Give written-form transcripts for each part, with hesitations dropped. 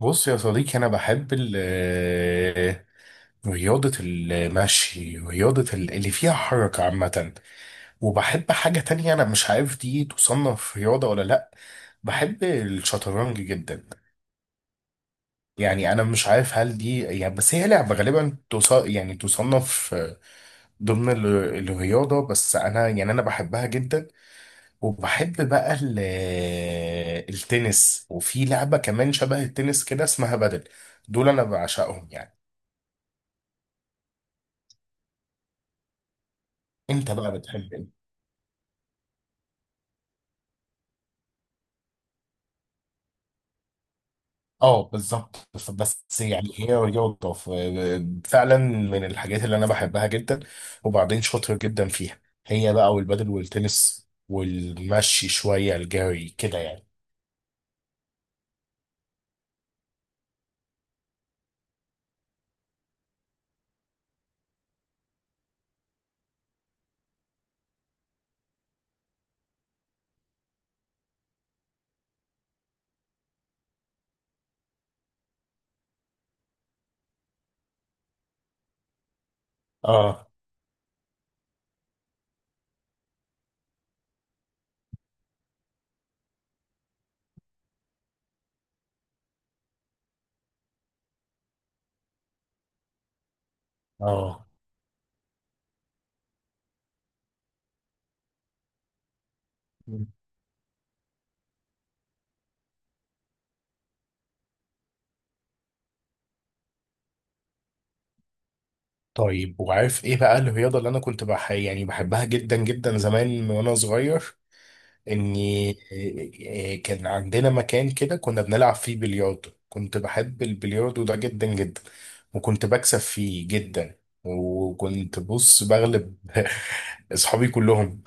بص يا صديقي، أنا بحب رياضة المشي، رياضة اللي فيها حركة عامة. وبحب حاجة تانية، أنا مش عارف دي تصنف رياضة ولا لأ. بحب الشطرنج جدا. يعني أنا مش عارف هل دي يعني، بس هي لعبة غالبا يعني تصنف ضمن الرياضة. بس أنا يعني أنا بحبها جدا. وبحب بقى التنس، وفي لعبة كمان شبه التنس كده اسمها بدل. دول انا بعشقهم يعني. انت بقى بتحب ايه؟ اه، بالظبط. بس يعني هي رياضة، فعلا من الحاجات اللي انا بحبها جدا، وبعدين شاطر جدا فيها. هي بقى والبدل والتنس والمشي، شوية الجري كده يعني. اه. اه. طيب، وعارف ايه بقى الرياضة اللي انا كنت يعني بحبها جدا جدا زمان وانا صغير؟ اني إيه، كان عندنا مكان كده كنا بنلعب فيه بلياردو. كنت بحب البلياردو ده جدا جدا، وكنت بكسب فيه جدا، وكنت بص بغلب اصحابي كلهم.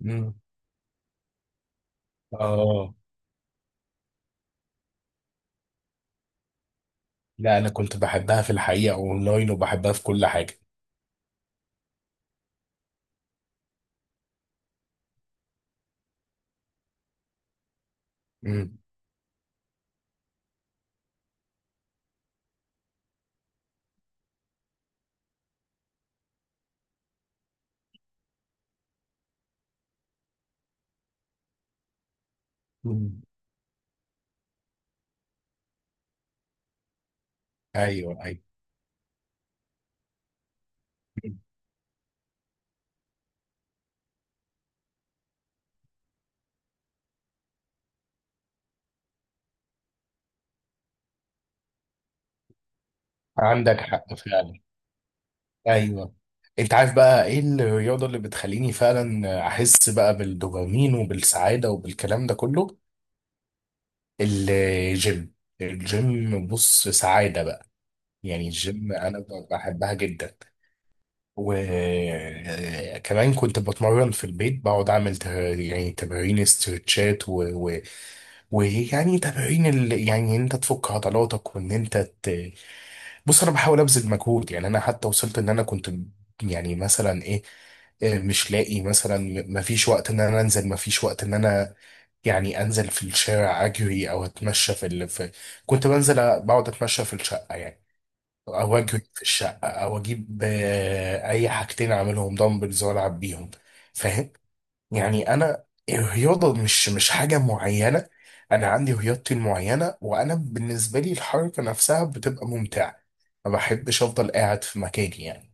مم. اه. لا، انا كنت بحبها في الحقيقة اونلاين، وبحبها في كل حاجة. امم. مم. ايوه، ايوه. مم. عندك حق فعلا. ايوه. انت عارف بقى ايه الرياضة اللي بتخليني فعلا احس بقى بالدوبامين وبالسعادة وبالكلام ده كله؟ الجيم. الجيم بص، سعادة بقى. يعني الجيم أنا بحبها جدا. وكمان كنت بتمرن في البيت، بقعد أعمل يعني تمارين استرتشات ويعني تمارين يعني إن أنت تفك عضلاتك، وإن أنت ت... بص أنا بحاول أبذل مجهود. يعني أنا حتى وصلت إن أنا كنت، يعني مثلا إيه، مش لاقي مثلا، مفيش وقت ان انا يعني انزل في الشارع اجري او اتمشى كنت بنزل، بقعد اتمشى في الشقه يعني، او اجري في الشقه، او اجيب اي حاجتين اعملهم دمبلز والعب بيهم. فاهم؟ يعني انا الرياضه مش حاجه معينه. انا عندي رياضتي المعينه، وانا بالنسبه لي الحركه نفسها بتبقى ممتعه. ما بحبش افضل قاعد في مكاني يعني.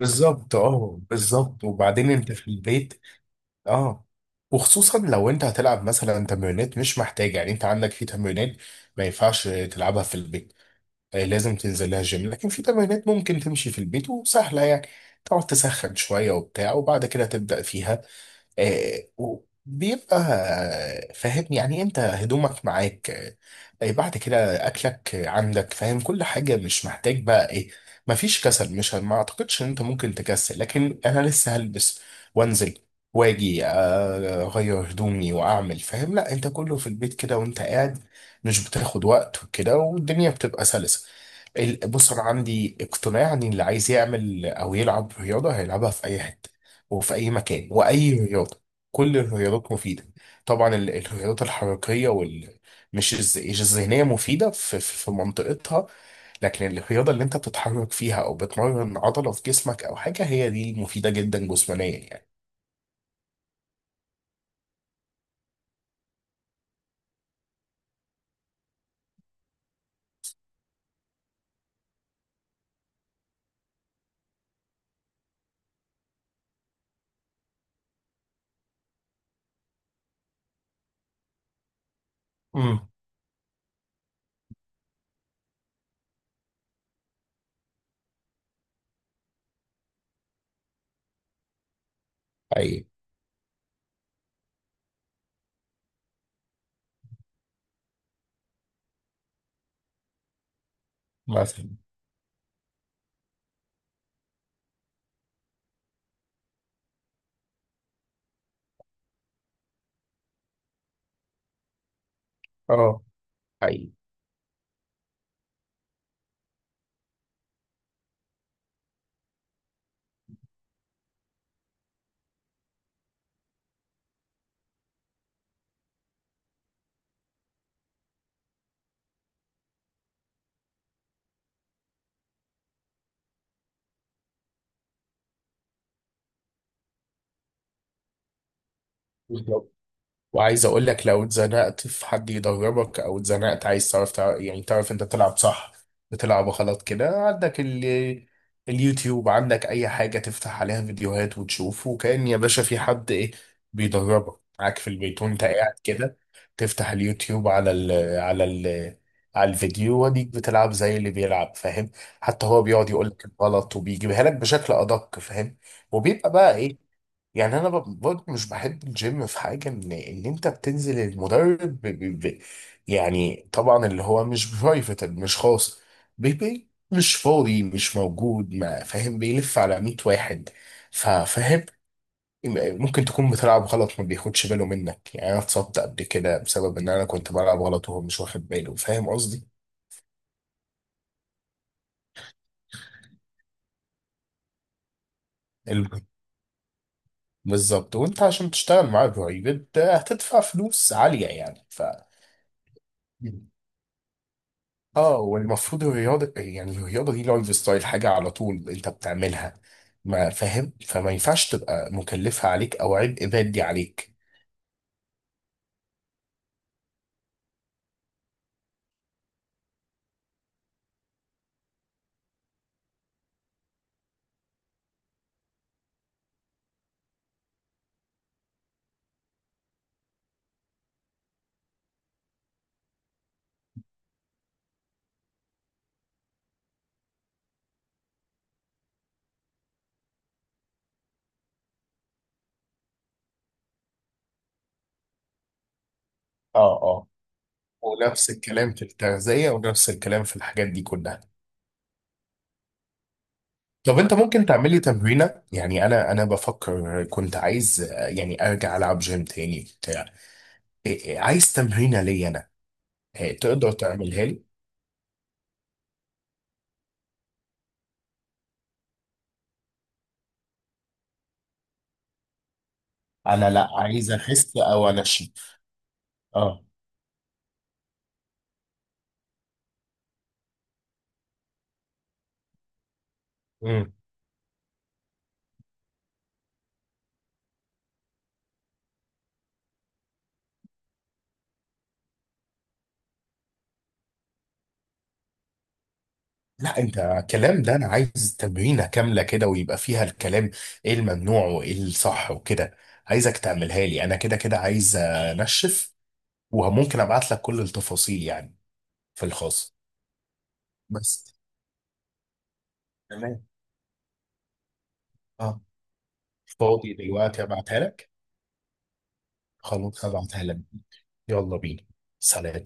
بالظبط، اه، بالظبط. وبعدين انت في البيت. اه. وخصوصا لو انت هتلعب مثلا تمرينات مش محتاج، يعني انت عندك في تمرينات ما ينفعش تلعبها في البيت، لازم تنزل لها جيم. لكن في تمرينات ممكن تمشي في البيت وسهلة يعني. تقعد تسخن شوية وبتاع، وبعد كده تبدأ فيها. وبيبقى فاهم يعني إيه، انت هدومك معاك، إيه بعد كده اكلك، عندك، فاهم، كل حاجه، مش محتاج بقى ايه. مفيش كسل، مش ما اعتقدش ان انت ممكن تكسل. لكن انا لسه هلبس وانزل واجي، اغير هدومي واعمل، فاهم؟ لا، انت كله في البيت كده وانت قاعد، مش بتاخد وقت وكده، والدنيا بتبقى سلسه. بص انا عندي اقتناع ان اللي عايز يعمل او يلعب رياضه هيلعبها في اي حته، وفي أي مكان، وأي رياضة. كل الرياضات مفيدة. طبعا الرياضات الحركية وال، مش الذهنية مفيدة في منطقتها. لكن الرياضة اللي أنت بتتحرك فيها أو بتمرن عضلة في جسمك أو حاجة، هي دي المفيدة جدا جسمانيا يعني. امم. حقيقي. مثلا. اه، حقيقي. وعايز اقول لك، لو اتزنقت في حد يدربك، او اتزنقت عايز تعرف يعني تعرف انت تلعب صح بتلعب غلط كده، عندك اليوتيوب، عندك اي حاجة تفتح عليها فيديوهات وتشوف، وكأن يا باشا في حد، ايه، بيدربك معاك في البيت وانت قاعد كده. تفتح اليوتيوب على الفيديو، وديك بتلعب زي اللي بيلعب، فاهم. حتى هو بيقعد يقول لك الغلط، وبيجيبها لك بشكل ادق، فاهم. وبيبقى بقى ايه. يعني انا برضه مش بحب الجيم في حاجه، ان انت بتنزل، المدرب يعني طبعا اللي هو مش برايفت، مش خاص بي، مش فاضي، مش موجود، ما فاهم، بيلف على 100 واحد. ففاهم، ممكن تكون بتلعب غلط، ما بياخدش باله منك. يعني انا اتصبت قبل كده بسبب ان انا كنت بلعب غلط وهو مش واخد باله، فاهم قصدي. ال- بالظبط. وانت عشان تشتغل معاه برايفت هتدفع فلوس عاليه يعني، اه، والمفروض الرياضة، يعني الرياضة دي لايف ستايل، حاجة على طول انت بتعملها، ما فاهم، فما ينفعش تبقى مكلفة عليك او عبء مادي عليك. اه. اه. ونفس الكلام في التغذية، ونفس الكلام في الحاجات دي كلها. طب انت ممكن تعمل لي تمرينة؟ يعني انا بفكر، كنت عايز، يعني ارجع العب جيم تاني بتاع إيه- إيه، عايز تمرينة ليا انا، تقدر تعملها لي؟ انا لا، عايز اخس او انشف. اه. لا، انت كلام ده، انا عايز تمرينه كامله كده، ويبقى فيها الكلام، ايه الممنوع وايه الصح وكده. عايزك تعملها لي انا، كده كده عايز انشف. وممكن ابعت لك كل التفاصيل يعني، في الخاص. بس. تمام. اه. فاضي دلوقتي، ابعتها لك. خلاص، هبعتها لك. يلا بينا. سلام.